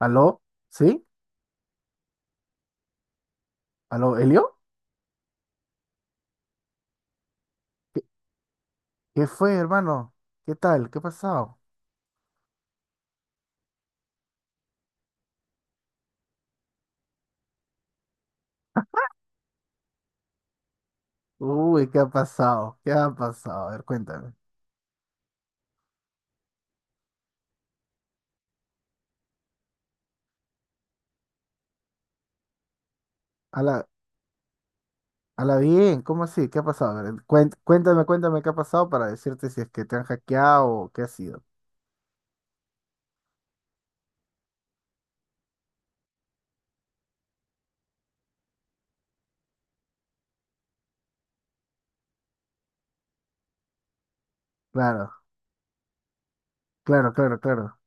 ¿Aló? ¿Sí? ¿Aló, Elio? ¿Qué, qué fue, hermano? ¿Qué tal? ¿Qué ha pasado? Uy, ¿qué ha pasado? ¿Qué ha pasado? A ver, cuéntame. A la, a la bien, ¿cómo así? ¿Qué ha pasado? A ver, cuéntame, cuéntame qué ha pasado para decirte si es que te han hackeado o qué ha sido. Claro, claro, claro, claro.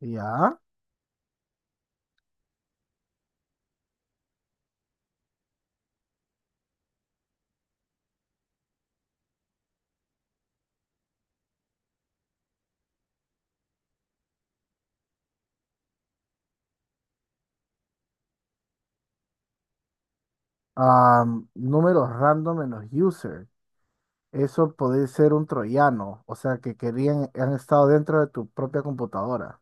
Ya. Números random en los user. Eso puede ser un troyano, o sea, que querían, han estado dentro de tu propia computadora.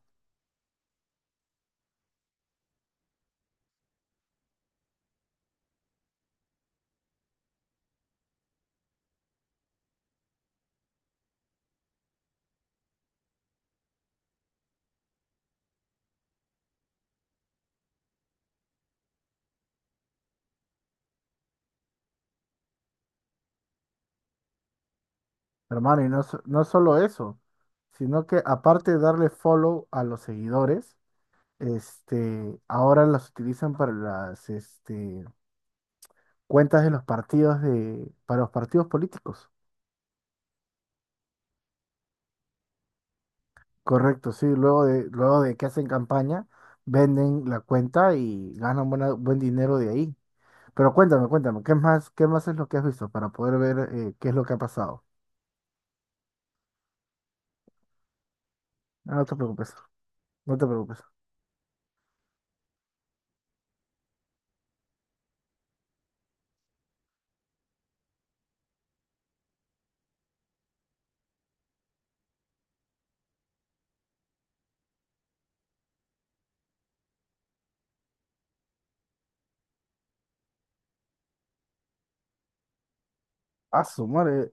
Hermano, y no, no solo eso, sino que aparte de darle follow a los seguidores, este, ahora las utilizan para las este, cuentas de los partidos de, para los partidos políticos. Correcto, sí, luego de que hacen campaña, venden la cuenta y ganan buen dinero de ahí. Pero cuéntame, cuéntame, qué más es lo que has visto para poder ver qué es lo que ha pasado? Ah, no te preocupes, no te preocupes. Ah, su madre,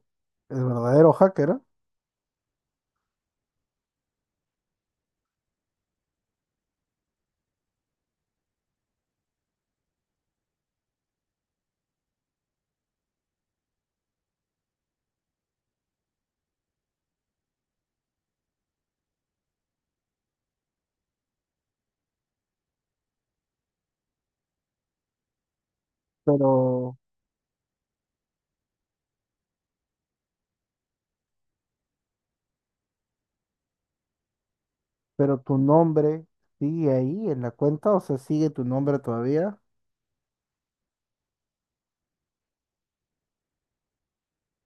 el verdadero hacker, ¿ah? Pero Pero tu nombre sigue ahí en la cuenta, o sea, sigue tu nombre todavía.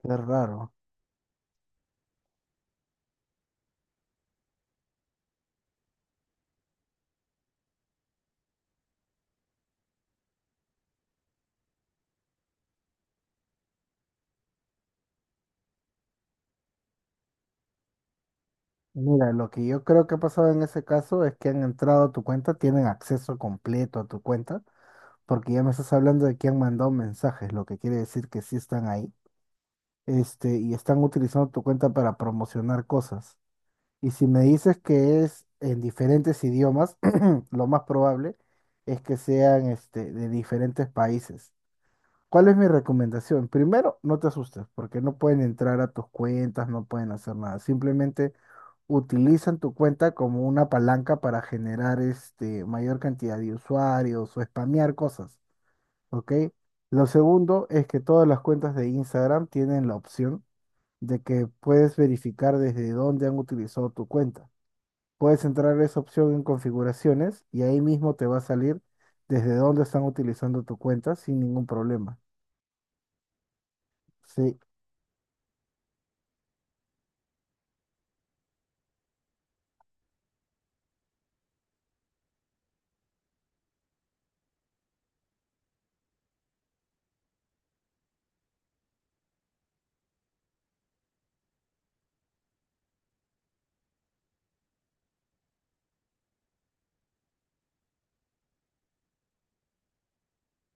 Qué raro. Mira, lo que yo creo que ha pasado en ese caso es que han entrado a tu cuenta, tienen acceso completo a tu cuenta, porque ya me estás hablando de que han mandado mensajes, lo que quiere decir que sí están ahí, este, y están utilizando tu cuenta para promocionar cosas. Y si me dices que es en diferentes idiomas, lo más probable es que sean, este, de diferentes países. ¿Cuál es mi recomendación? Primero, no te asustes, porque no pueden entrar a tus cuentas, no pueden hacer nada. Simplemente utilizan tu cuenta como una palanca para generar este, mayor cantidad de usuarios o spamear cosas, ¿ok? Lo segundo es que todas las cuentas de Instagram tienen la opción de que puedes verificar desde dónde han utilizado tu cuenta. Puedes entrar a esa opción en configuraciones y ahí mismo te va a salir desde dónde están utilizando tu cuenta sin ningún problema. Sí.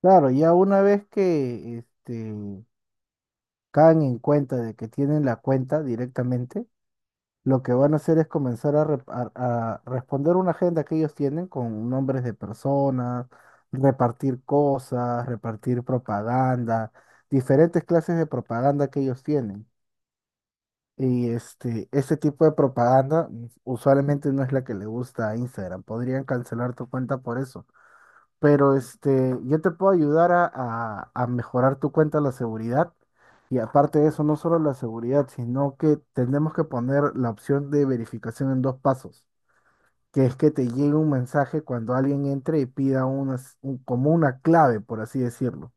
Claro, ya una vez que este, caen en cuenta de que tienen la cuenta directamente, lo que van a hacer es comenzar a, a responder una agenda que ellos tienen con nombres de personas, repartir cosas, repartir propaganda, diferentes clases de propaganda que ellos tienen. Y este, ese tipo de propaganda usualmente no es la que le gusta a Instagram. Podrían cancelar tu cuenta por eso. Pero este, yo te puedo ayudar a, a mejorar tu cuenta la seguridad. Y aparte de eso, no solo la seguridad, sino que tenemos que poner la opción de verificación en dos pasos, que es que te llegue un mensaje cuando alguien entre y pida unas, como una clave, por así decirlo.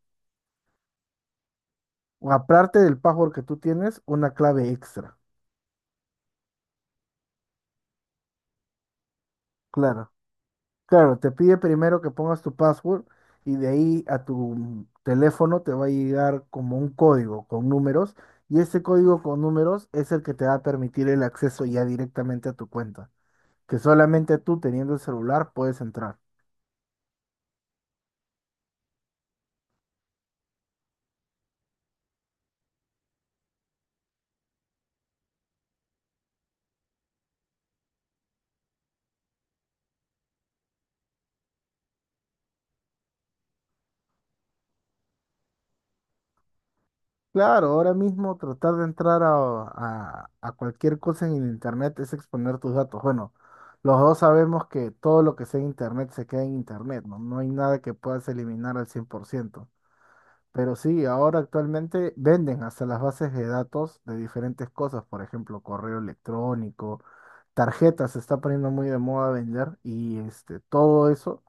O aparte del password que tú tienes, una clave extra. Claro. Claro, te pide primero que pongas tu password y de ahí a tu teléfono te va a llegar como un código con números y ese código con números es el que te va a permitir el acceso ya directamente a tu cuenta, que solamente tú teniendo el celular puedes entrar. Claro, ahora mismo tratar de entrar a, a cualquier cosa en el internet es exponer tus datos. Bueno, los dos sabemos que todo lo que sea en internet se queda en internet, ¿no? No hay nada que puedas eliminar al 100%. Pero sí, ahora actualmente venden hasta las bases de datos de diferentes cosas, por ejemplo, correo electrónico, tarjetas, se está poniendo muy de moda vender y este, todo eso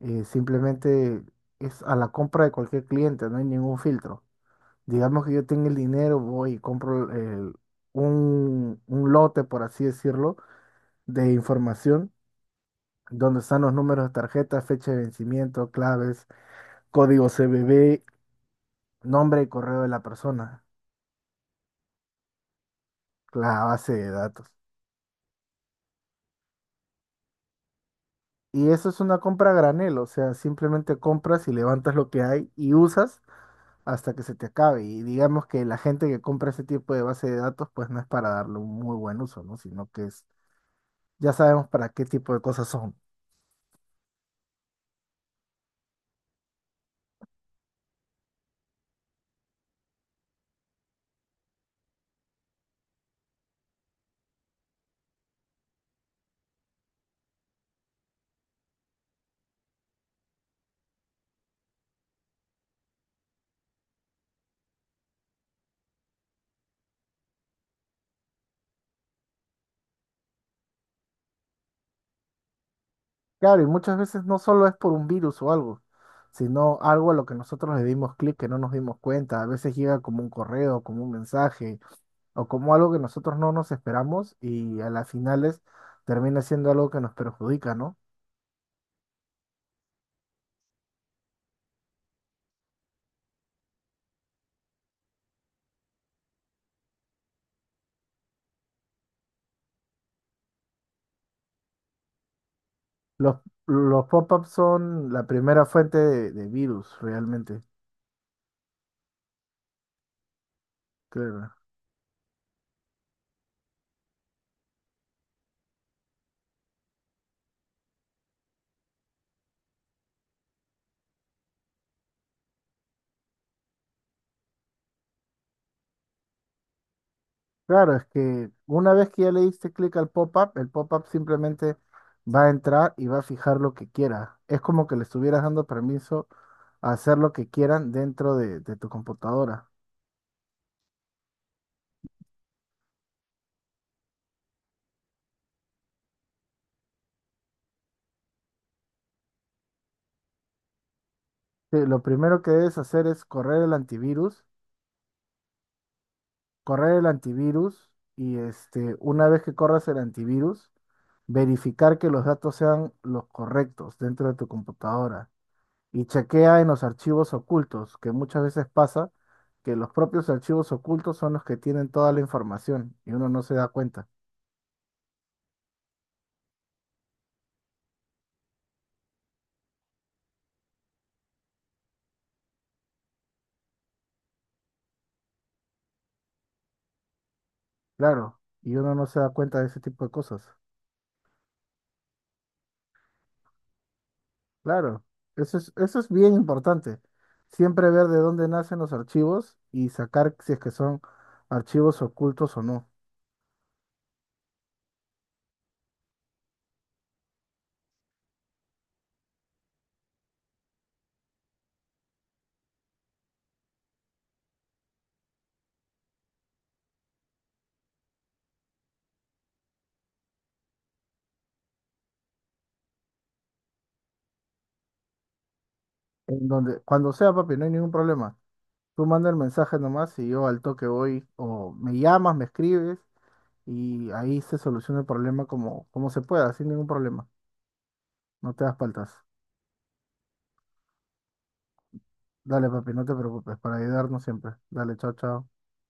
simplemente es a la compra de cualquier cliente, no hay ningún filtro. Digamos que yo tengo el dinero, voy y compro un lote, por así decirlo, de información donde están los números de tarjeta, fecha de vencimiento, claves, código CBV, nombre y correo de la persona. La base de datos. Y eso es una compra a granel, o sea, simplemente compras y levantas lo que hay y usas hasta que se te acabe. Y digamos que la gente que compra ese tipo de base de datos, pues no es para darle un muy buen uso, ¿no? Sino que es, ya sabemos para qué tipo de cosas son. Claro, y muchas veces no solo es por un virus o algo, sino algo a lo que nosotros le dimos clic que no nos dimos cuenta. A veces llega como un correo, como un mensaje, o como algo que nosotros no nos esperamos y a las finales termina siendo algo que nos perjudica, ¿no? Los, los pop-ups son la primera fuente de virus, realmente. Claro. Claro, es que una vez que ya le diste clic al pop-up, el pop-up simplemente va a entrar y va a fijar lo que quiera. Es como que le estuvieras dando permiso a hacer lo que quieran dentro de tu computadora. Sí, lo primero que debes hacer es correr el antivirus y este, una vez que corras el antivirus, verificar que los datos sean los correctos dentro de tu computadora. Y chequea en los archivos ocultos, que muchas veces pasa que los propios archivos ocultos son los que tienen toda la información y uno no se da cuenta. Claro, y uno no se da cuenta de ese tipo de cosas. Claro, eso es bien importante. Siempre ver de dónde nacen los archivos y sacar si es que son archivos ocultos o no. En donde, cuando sea, papi, no hay ningún problema. Tú manda el mensaje nomás y yo al toque voy, o me llamas, me escribes y ahí se soluciona el problema como, como se pueda, sin ningún problema. No te das paltas. Dale, papi, no te preocupes, para ayudarnos siempre. Dale, chao, chao.